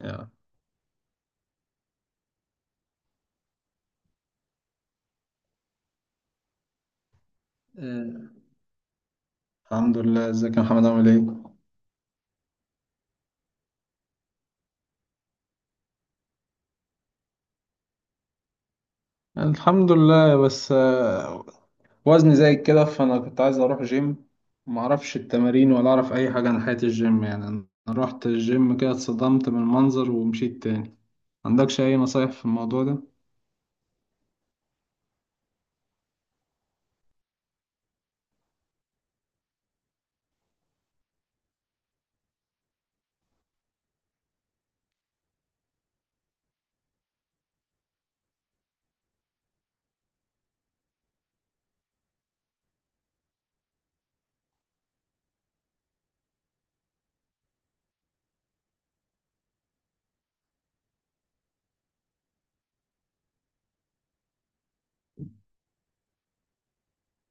يا. آه، الحمد لله، ازيك يا محمد؟ عامل ايه؟ الحمد لله، بس وزني زايد كده، فانا كنت عايز اروح جيم. ما اعرفش التمارين ولا اعرف اي حاجه عن حياه الجيم، يعني انا رحت الجيم كده، اتصدمت من المنظر ومشيت تاني. عندكش اي نصايح في الموضوع ده؟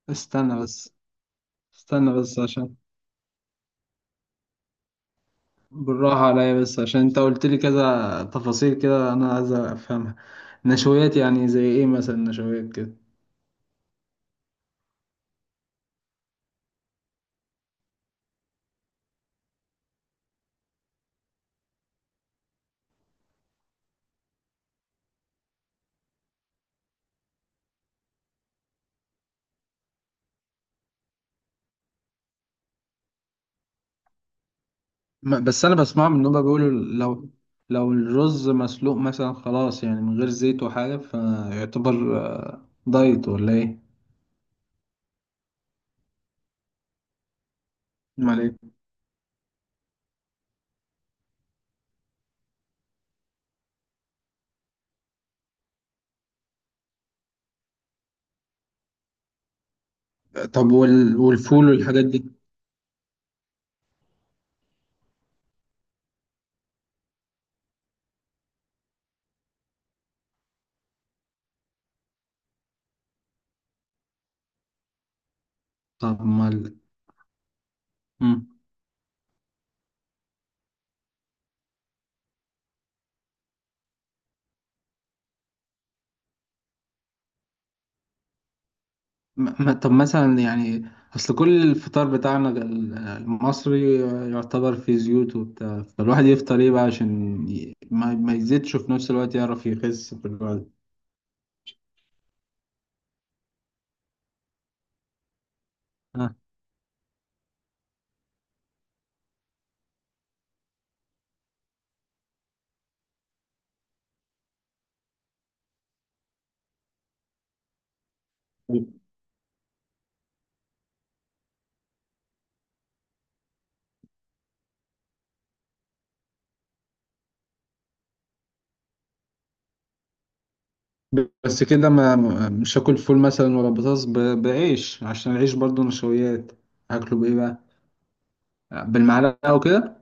استنى بس، استنى بس عشان، بالراحه عليا بس عشان انت قلت لي كذا تفاصيل كده، انا عايز افهمها. نشويات يعني زي ايه مثلا؟ نشويات كده. بس انا بسمع ان هم بيقولوا لو، لو الرز مسلوق مثلا، خلاص يعني من غير زيت وحاجه، فيعتبر دايت ولا ايه؟ امال ايه؟ طب والفول والحاجات دي؟ طب ما ال- مم. طب مثلا يعني، اصل كل الفطار بتاعنا المصري يعتبر فيه زيوت وبتاع، فالواحد يفطر ايه بقى عشان ي... ما... ما يزيدش وفي نفس الوقت يعرف يخس في الوقت. بس كده ما، مش هاكل فول مثلا ولا بطاطس، بعيش، عشان العيش برضو نشويات. هاكله بايه بقى؟ بالمعلقه وكده؟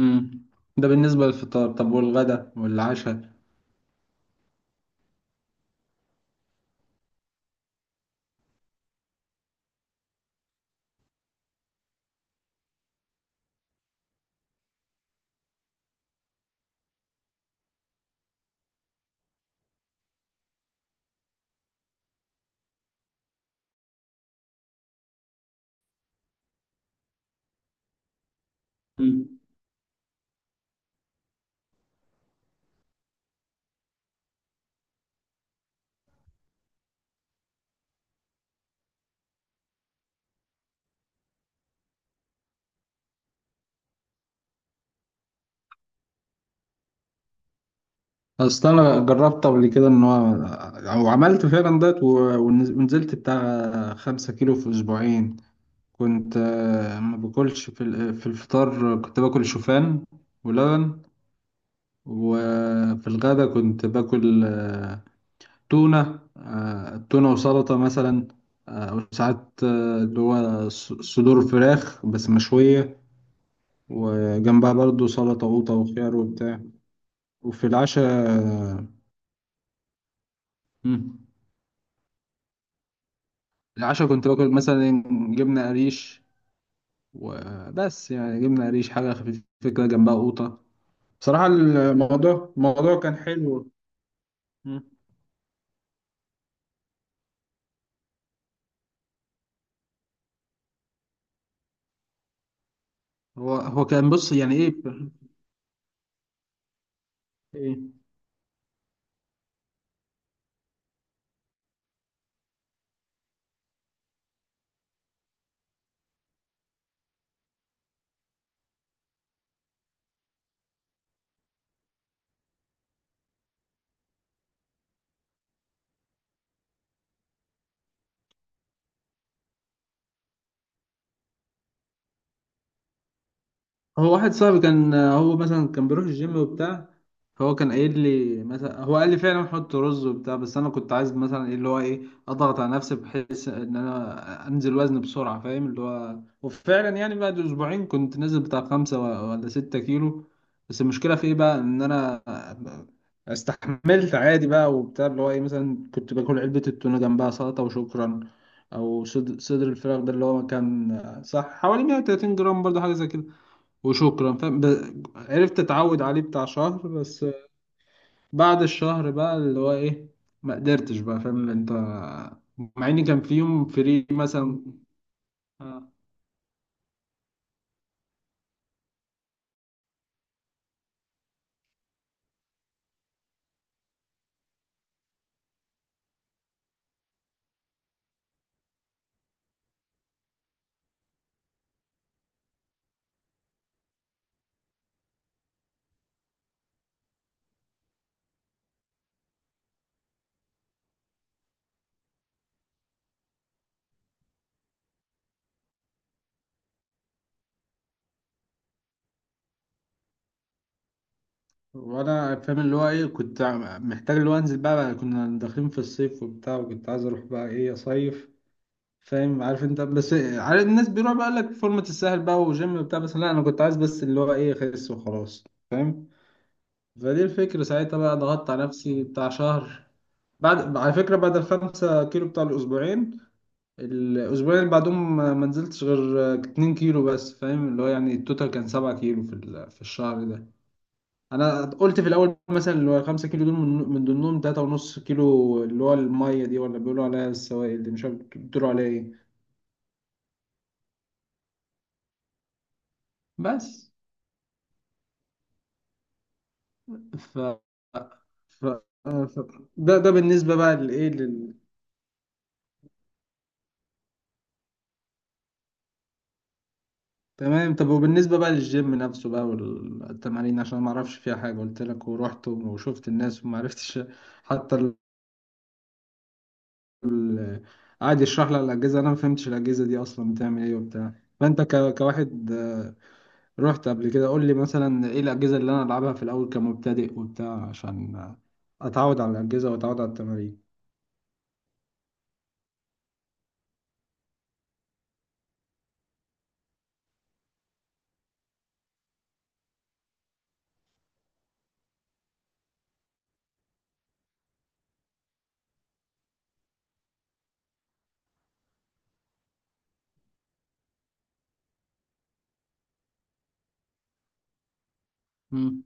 امم. ده بالنسبه للفطار، طب والغدا والعشاء؟ مم. اصل انا جربت قبل كده ان هو، او عملت فعلا دايت ونزلت بتاع خمسة كيلو في اسبوعين. كنت ما باكلش في الفطار، كنت باكل شوفان ولبن. وفي الغدا كنت باكل تونة، تونة وسلطة مثلا، أو ساعات اللي هو صدور فراخ بس مشوية، وجنبها برضو سلطة وقوطة وخيار وبتاع. وفي العشاء مم. العشاء كنت باكل مثلا جبنة قريش وبس، يعني جبنة قريش حاجة خفيفة كده، جنبها قوطة. بصراحة الموضوع كان حلو. مم. هو كان، بص يعني ايه؟ إيه؟ هو واحد صاحبي كان، هو مثلا كان بيروح الجيم وبتاع، فهو كان قايل لي مثلا، هو قال لي فعلا حط رز وبتاع، بس انا كنت عايز مثلا ايه اللي هو ايه، اضغط على نفسي بحيث ان انا انزل وزن بسرعه، فاهم اللي هو؟ وفعلا يعني بعد اسبوعين كنت نازل بتاع خمسة ولا ستة كيلو. بس المشكله في ايه بقى؟ ان انا استحملت عادي بقى وبتاع، اللي هو ايه مثلا، كنت باكل علبه التونه جنبها سلطه وشكرا، او صدر الفراخ ده اللي هو كان صح حوالي 130 جرام برضه، حاجه زي كده وشكرا، فاهم؟ عرفت اتعود عليه بتاع شهر بس. بعد الشهر بقى اللي هو ايه، ما قدرتش بقى، فاهم انت؟ مع اني كان في يوم فري مثلا. آه. وانا فاهم اللي هو ايه، كنت محتاج اللي هو انزل بقى كنا داخلين في الصيف وبتاع، وكنت عايز اروح بقى ايه، اصيف، فاهم؟ عارف انت، بس عارف الناس بيروح بقى لك فورمة، الساحل بقى وجيم وبتاع، بس لا انا كنت عايز بس اللي هو ايه، اخس وخلاص، فاهم؟ فدي الفكرة ساعتها بقى، ضغطت على نفسي بتاع شهر. بعد، على فكرة، بعد الخمسة كيلو بتاع الأسبوعين، الأسبوعين اللي بعدهم ما منزلتش غير اتنين كيلو بس، فاهم اللي هو؟ يعني التوتال كان سبعة كيلو في الشهر ده. أنا قلت في الأول مثلا، اللي هو خمسة كيلو دول من ضمنهم تلاتة ونص كيلو، اللي هو المية دي، ولا بيقولوا عليها السوائل دي، مش عارف بيقولوا عليها إيه. بس ف... ف... ف... ده بالنسبة بقى لإيه. تمام. طب وبالنسبة بقى للجيم نفسه بقى والتمارين، عشان ما اعرفش فيها حاجة، قلت لك ورحت وشفت الناس وما عرفتش حتى ال- قعد يشرح لي على الأجهزة، انا ما فهمتش الأجهزة دي اصلا بتعمل ايه وبتاع. فانت كواحد رحت قبل كده، قول لي مثلا ايه الأجهزة اللي انا العبها في الاول كمبتدئ وبتاع، عشان اتعود على الأجهزة واتعود على التمارين. مم.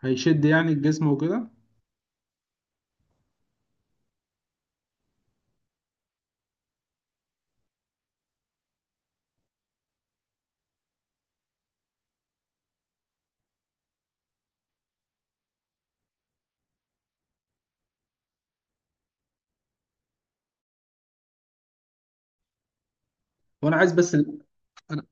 هيشد يعني الجسم وكده. وانا عايز بس ال... أنا-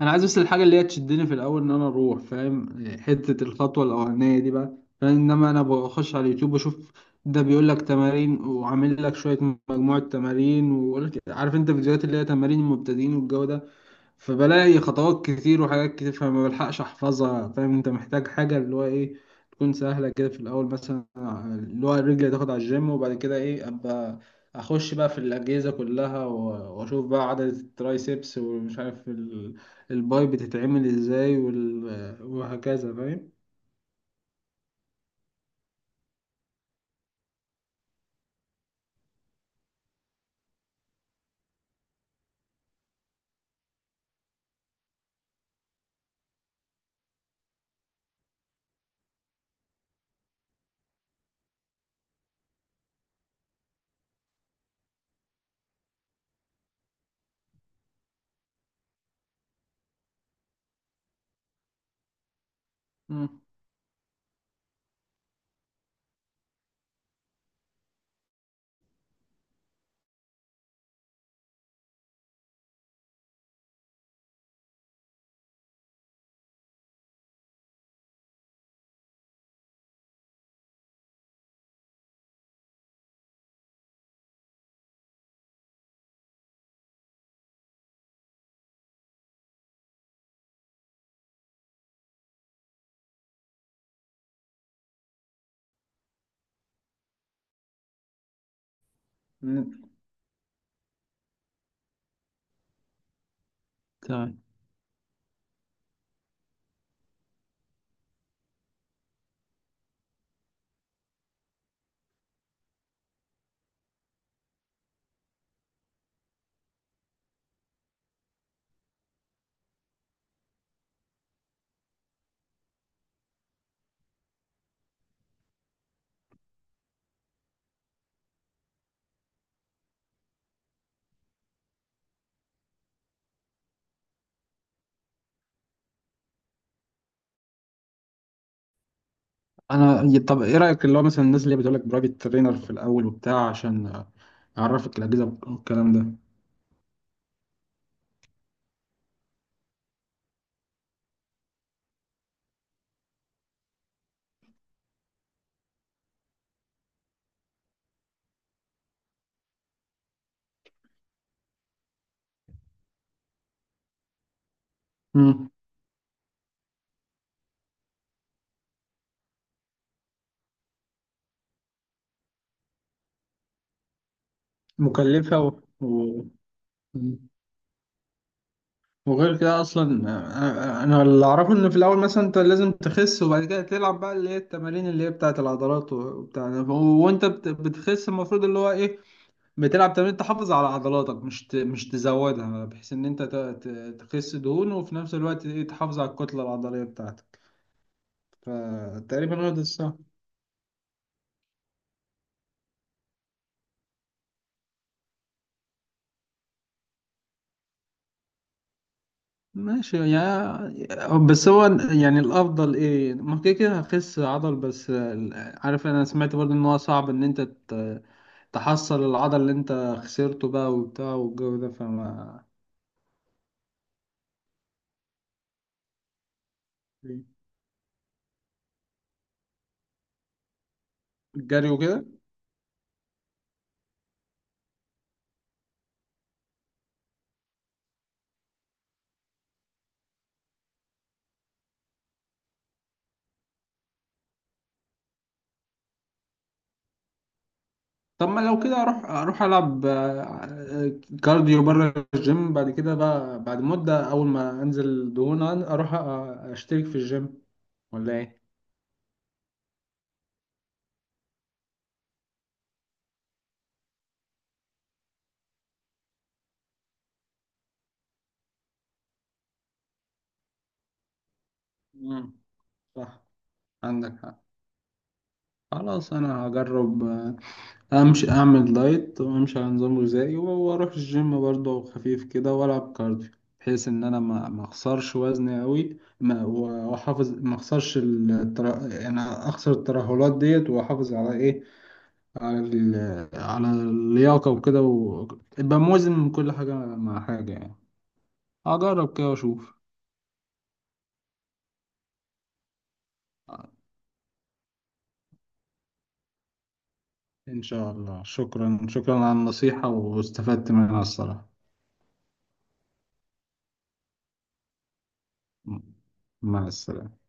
انا عايز بس الحاجه اللي هي تشدني في الاول، ان انا اروح، فاهم؟ حته الخطوه الاولانيه دي بقى، فاهم؟ انما انا بخش على اليوتيوب بشوف، ده بيقول لك تمارين وعامل لك شويه مجموعه تمارين، ويقول لك عارف انت، فيديوهات اللي هي تمارين المبتدئين والجو ده، فبلاقي خطوات كتير وحاجات كتير، فما بلحقش احفظها. فاهم انت، محتاج حاجة اللي هو ايه، تكون سهلة كده في الأول مثلا، اللي هو رجلي تاخد على الجيم، وبعد كده ايه، أبقى أخش بقى في الأجهزة كلها، وأشوف بقى عدد الترايسبس، ومش عارف الباي بتتعمل ازاي، وهكذا، فاهم؟ مم. مم. تمام. أنا، طب ايه رأيك اللي هو مثلا الناس اللي بتقولك برايفت ترينر في الأول وبتاع، عشان أعرفك الأجهزة والكلام ده؟ مم. مكلفة مم. وغير كده اصلا انا اللي اعرفه ان في الاول مثلا، انت لازم تخس، وبعد كده تلعب بقى اللي هي التمارين اللي هي بتاعه العضلات وبتاع ده. وانت بتخس، المفروض اللي هو ايه، بتلعب تمارين تحافظ على عضلاتك، مش تزودها، بحيث ان انت تخس دهون، وفي نفس الوقت ايه، تحافظ على الكتله العضليه بتاعتك. فتقريبا هو ده الصح. ماشي يا، بس هو يعني الافضل ايه؟ ممكن كده كده هخس عضل بس، عارف، انا سمعت برضه ان هو صعب ان انت تحصل العضل اللي انت خسرته بقى وبتاع والجو ده، فما، الجري وكده؟ طب ما لو كده، اروح العب كارديو بره الجيم، بعد كده بقى، بعد مدة، اول ما انزل دهون اروح اشترك في الجيم، ولا ايه؟ مم. صح. عندك حق. خلاص انا هجرب امشي اعمل دايت، وامشي على نظام غذائي، واروح الجيم برضه خفيف كده والعب كارديو، بحيث ان انا ما اخسرش وزني قوي، ما و- واحافظ، ما اخسرش يعني اخسر الترهلات ديت، واحافظ على ايه، على ال... على اللياقه وكده، وابقى موازن من كل حاجه مع حاجه يعني. اجرب كده واشوف. ان شاء الله، شكرا شكرا على النصيحه، واستفدت منها الصراحه. مع السلامه.